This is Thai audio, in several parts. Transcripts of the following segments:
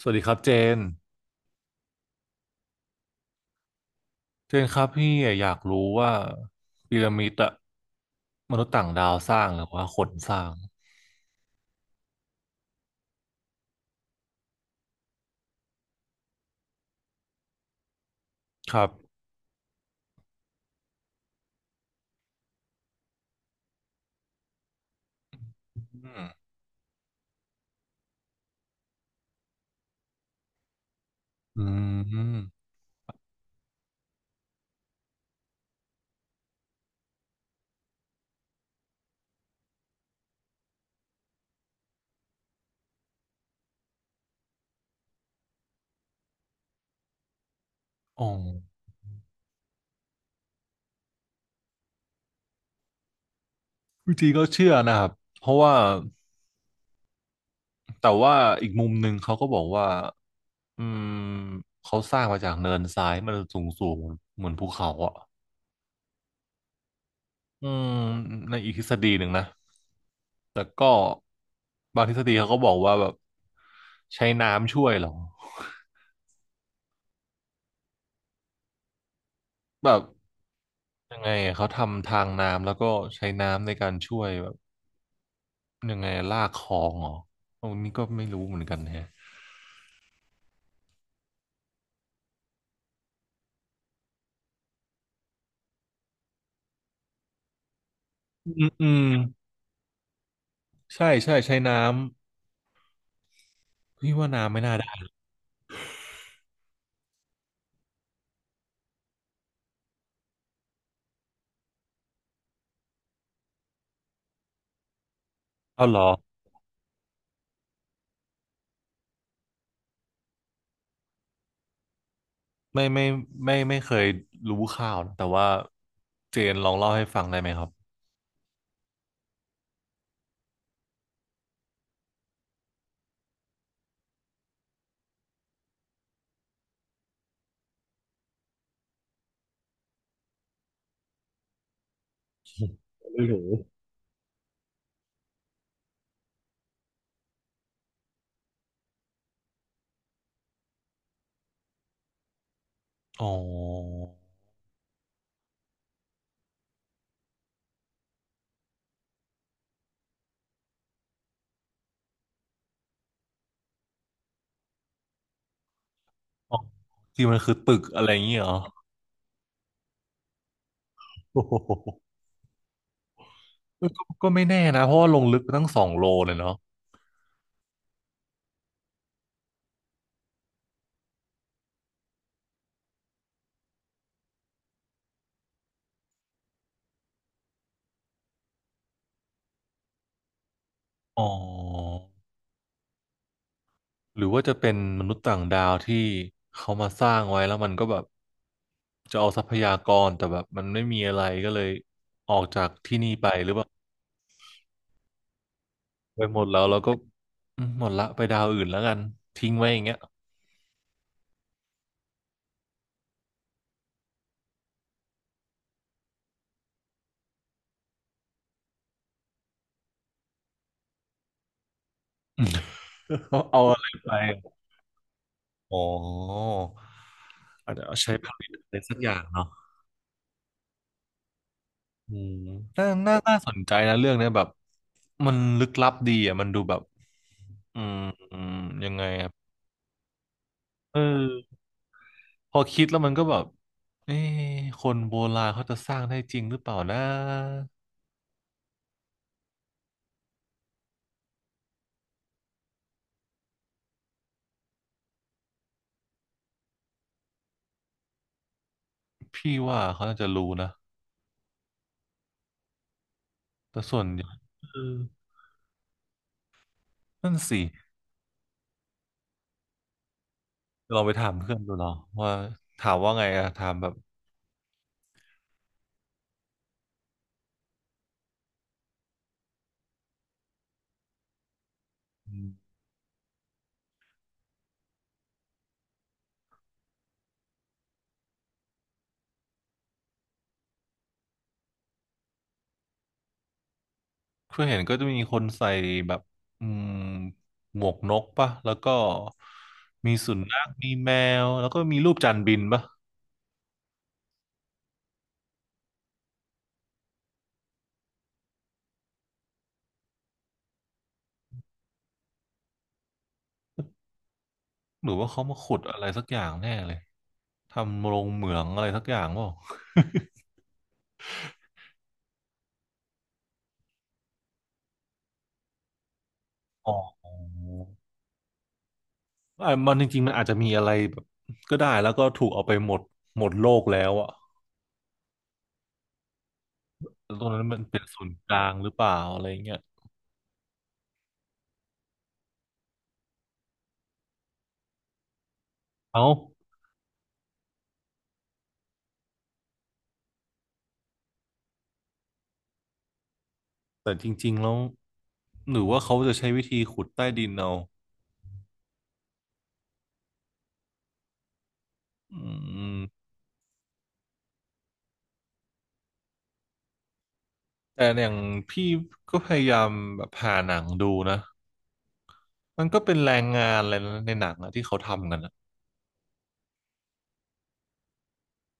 สวัสดีครับเจน เจนครับพี่อยากรู้ว่าพีระมิดอะมนุษย์ต่างดาวสร้างหรือว่าคนสร้างครับอืมอืมอ๋อจริงๆก็เชื่อนะครับเพราะว่าแต่ว่าอีกมุมหนึ่งเขาก็บอกว่าอืมเขาสร้างมาจากเนินทรายมันสูงสูงเหมือนภูเขาอะอืม ในอีกทฤษฎีหนึ่งนะแต่ก็บางทฤษฎีเขาก็บอกว่าแบบใช้น้ำช่วยเหรอแบบ ยังไงอะเขาทำทางน้ำแล้วก็ใช้น้ำในการช่วยแบบยังไงอะลากคลองเหรอตรงนี้ก็ไม่รู้เหมือนกันแฮะอืมใช่ใช่ใช้น้ำพี่ว่าน้ำไม่น่าได้เอาเหรอไม่ไม่เคยรู้ข่าวนะแต่ว่าเจนลองเล่าให้ฟังได้ไหมครับไม่รู้อ๋ออ๋อที่มันคือตึกอะไรอย่างเงี้ยเหรอโอ้โหก็ก็ไม่แน่นะเพราะว่าลงลึกไปตั้งสองโลเลยเนาะอ๋อ หรือว่าจะเป็นมนุษย์ต่างดาวที่เขามาสร้างไว้แล้วมันก็แบบจะเอาทรัพยากรแต่แบบมันไม่มีอะไรก็เลยออกจากที่นี่ไปหรือว่าไปหมดแล้วเราก็อืมหมดละไปดาวอื่นแล้วกันทิ้งไว้อย่างเงี้ย เขาเอาอะไรไปอ๋ออาจจะเอาใช้ผลิตอะไรสักอย่างเนาะอืมน่าสนใจนะเรื่องเนี้ยแบบมันลึกลับดีอ่ะมันดูแบบอืมอืมยังไงครับเออ พอคิดแล้วมันก็แบบเอ๊ะคนโบราณเขาจะสร้างได้จริงหรือเปล่านะพี่ว่าเขาน่าจะรู้นะแต่ส่วนใหญ่เออนั่นสิลองไปถามเพื่อนดูเนาะว่าถามว่าไงอะถามแบบอืมเพื่อนเห็นก็จะมีคนใส่แบบอืมหมวกนกปะแล้วก็มีสุนัขมีแมวแล้วก็มีรูปจานบินปะหรือว่าเขามาขุดอะไรสักอย่างแน่เลยทำโรงเหมืองอะไรสักอย่างเปล่าอ๋อ อ่ะมันจริงๆมันอาจจะมีอะไรแบบก็ได้แล้วก็ถูกเอาไปหมดหมดโลกแล้วอ่ะแล้วตรงนั้นมันเป็นศูนย์กลางหรือเปล่าอะไรเงี้ยเอ้าแต่จริงๆแล้วหรือว่าเขาจะใช้วิธีขุดใต้ดินเอาอืมแต่อย่างพี่ก็พยายามแบบหาหนังดูนะมันก็เป็นแรงงานอะไรนะในหนังอะที่เขาทำกันอะ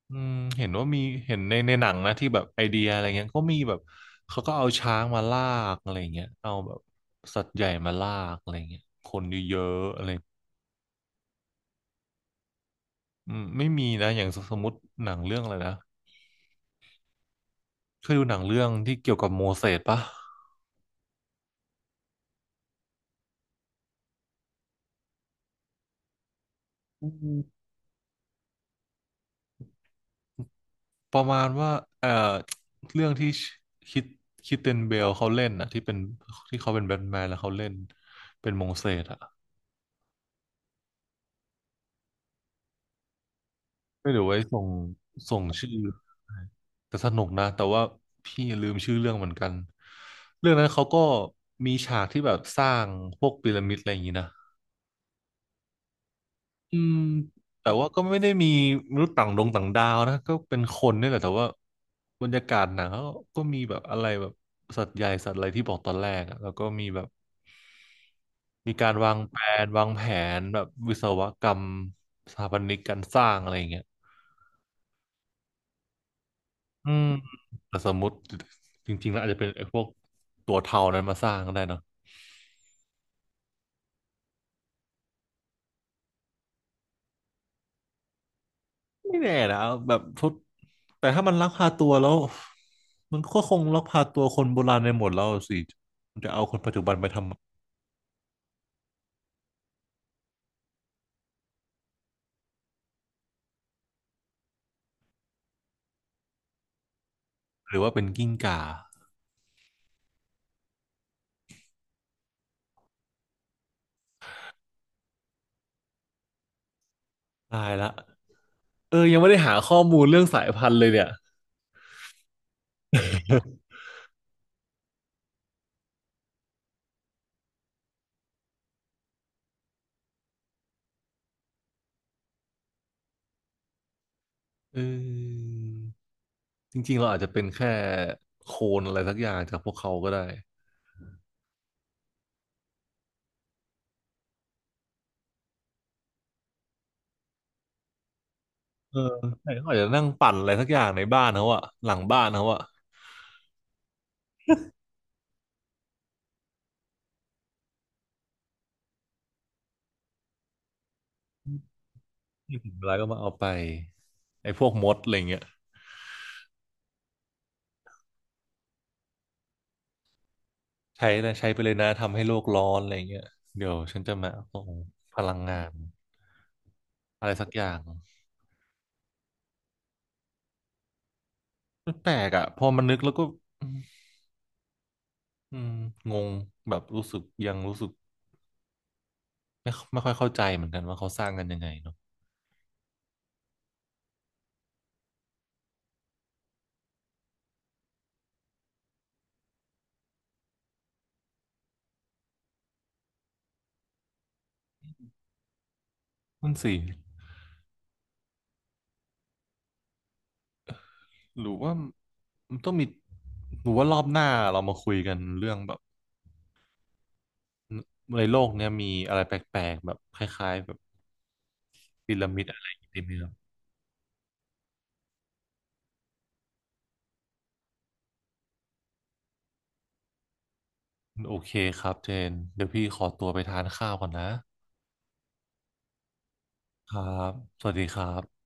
อืมเห็นว่ามีเห็นในหนังนะที่แบบไอเดียอะไรเงี้ยก็มีแบบเขาก็เอาช้างมาลากอะไรเงี้ยเอาแบบสัตว์ใหญ่มาลากอะไรเงี้ยคนเยอะๆอะไรอืมไม่มีนะอย่างสสมมติหนังเรื่องอะไรนะเคยดูหนังเรื่องที่เกี่ยวกับโมเสสปะอืมประมาณว่าเอ่อเรื่องที่คิดคิดเตนเบลเขาเล่นอะที่เป็นที่เขาเป็นแบทแมนแล้วเขาเล่นเป็นโมเสสอะ ไม่เดี๋ยวไว้ส่งส่งชื่อ้แต่สนุกนะแต่ว่าพี่ลืมชื่อเรื่องเหมือนกันเรื่องนั้นเขาก็มีฉากที่แบบสร้างพวกพีระมิดอะไรอย่างนี้นะอืมแต่ว่าก็ไม่ได้มีมนุษย์ต่างดงต่างดาวนะก็เป็นคนนี่แหละแต่ว่าบรรยากาศหนังเขาก็มีแบบอะไรแบบสัตว์ใหญ่สัตว์อะไรที่บอกตอนแรกอะแล้วก็มีแบบมีการวางแผนแบบวิศวกรรมสถาปนิกการสร้างอะไรอย่างเงี้ย อืมแต่สมมติจริงๆแล้วอาจจะเป็นไอ้พวกตัวเทานั้นมาสร้างก็ได้เนาะไม่แน่นะแบบทุกแต่ถ้ามันลักพาตัวแล้วมันก็คงลักพาตัวคนโบราณในหมดแล้วสิมันจะเอาคนปัจจุบันไปทำหรือว่าเป็นกิ้งก่าตายละเออยังไม่ได้หาข้อมูลเรื่องสายพันธุ์เลยเนี่ย เออจริงๆเราอาจจะเป็นแค่โคลนอะไรสักอย่างจากพวกเขาก็ได้เออแต่เขาอาจจะนั่งปั่นอะไรสักอย่างในบ้านเขาอะหลังบ้านเขาอะ ที่ถึงเวลาก็มาเอาไปไอ้พวกมดอะไรเงี้ยใช้นะใช้ไปเลยนะทำให้โลกร้อนอะไรเงี้ยเดี๋ยวฉันจะมาเอาพลังงานอะไรสักอย่างมันแปลกอ่ะพอมันนึกแล้วก็อืมอืมงงแบบรู้สึกยังรู้สึกไม่ค่อยเข้าใจเหมือนกันว่าเขาสร้างกันยังไงเนาะมันสิหรือว่ามันต้องมีหรือว่ารอบหน้าเรามาคุยกันเรื่องแบบในโลกเนี้ยมีอะไรแปลกๆแบบคล้ายๆแบบพีระมิดอะไรอย่างงี้ดีไหมเนาะ โอเคครับเจนเดี๋ยวพี่ขอตัวไปทานข้าวก่อนนะครับสวัสดีครับ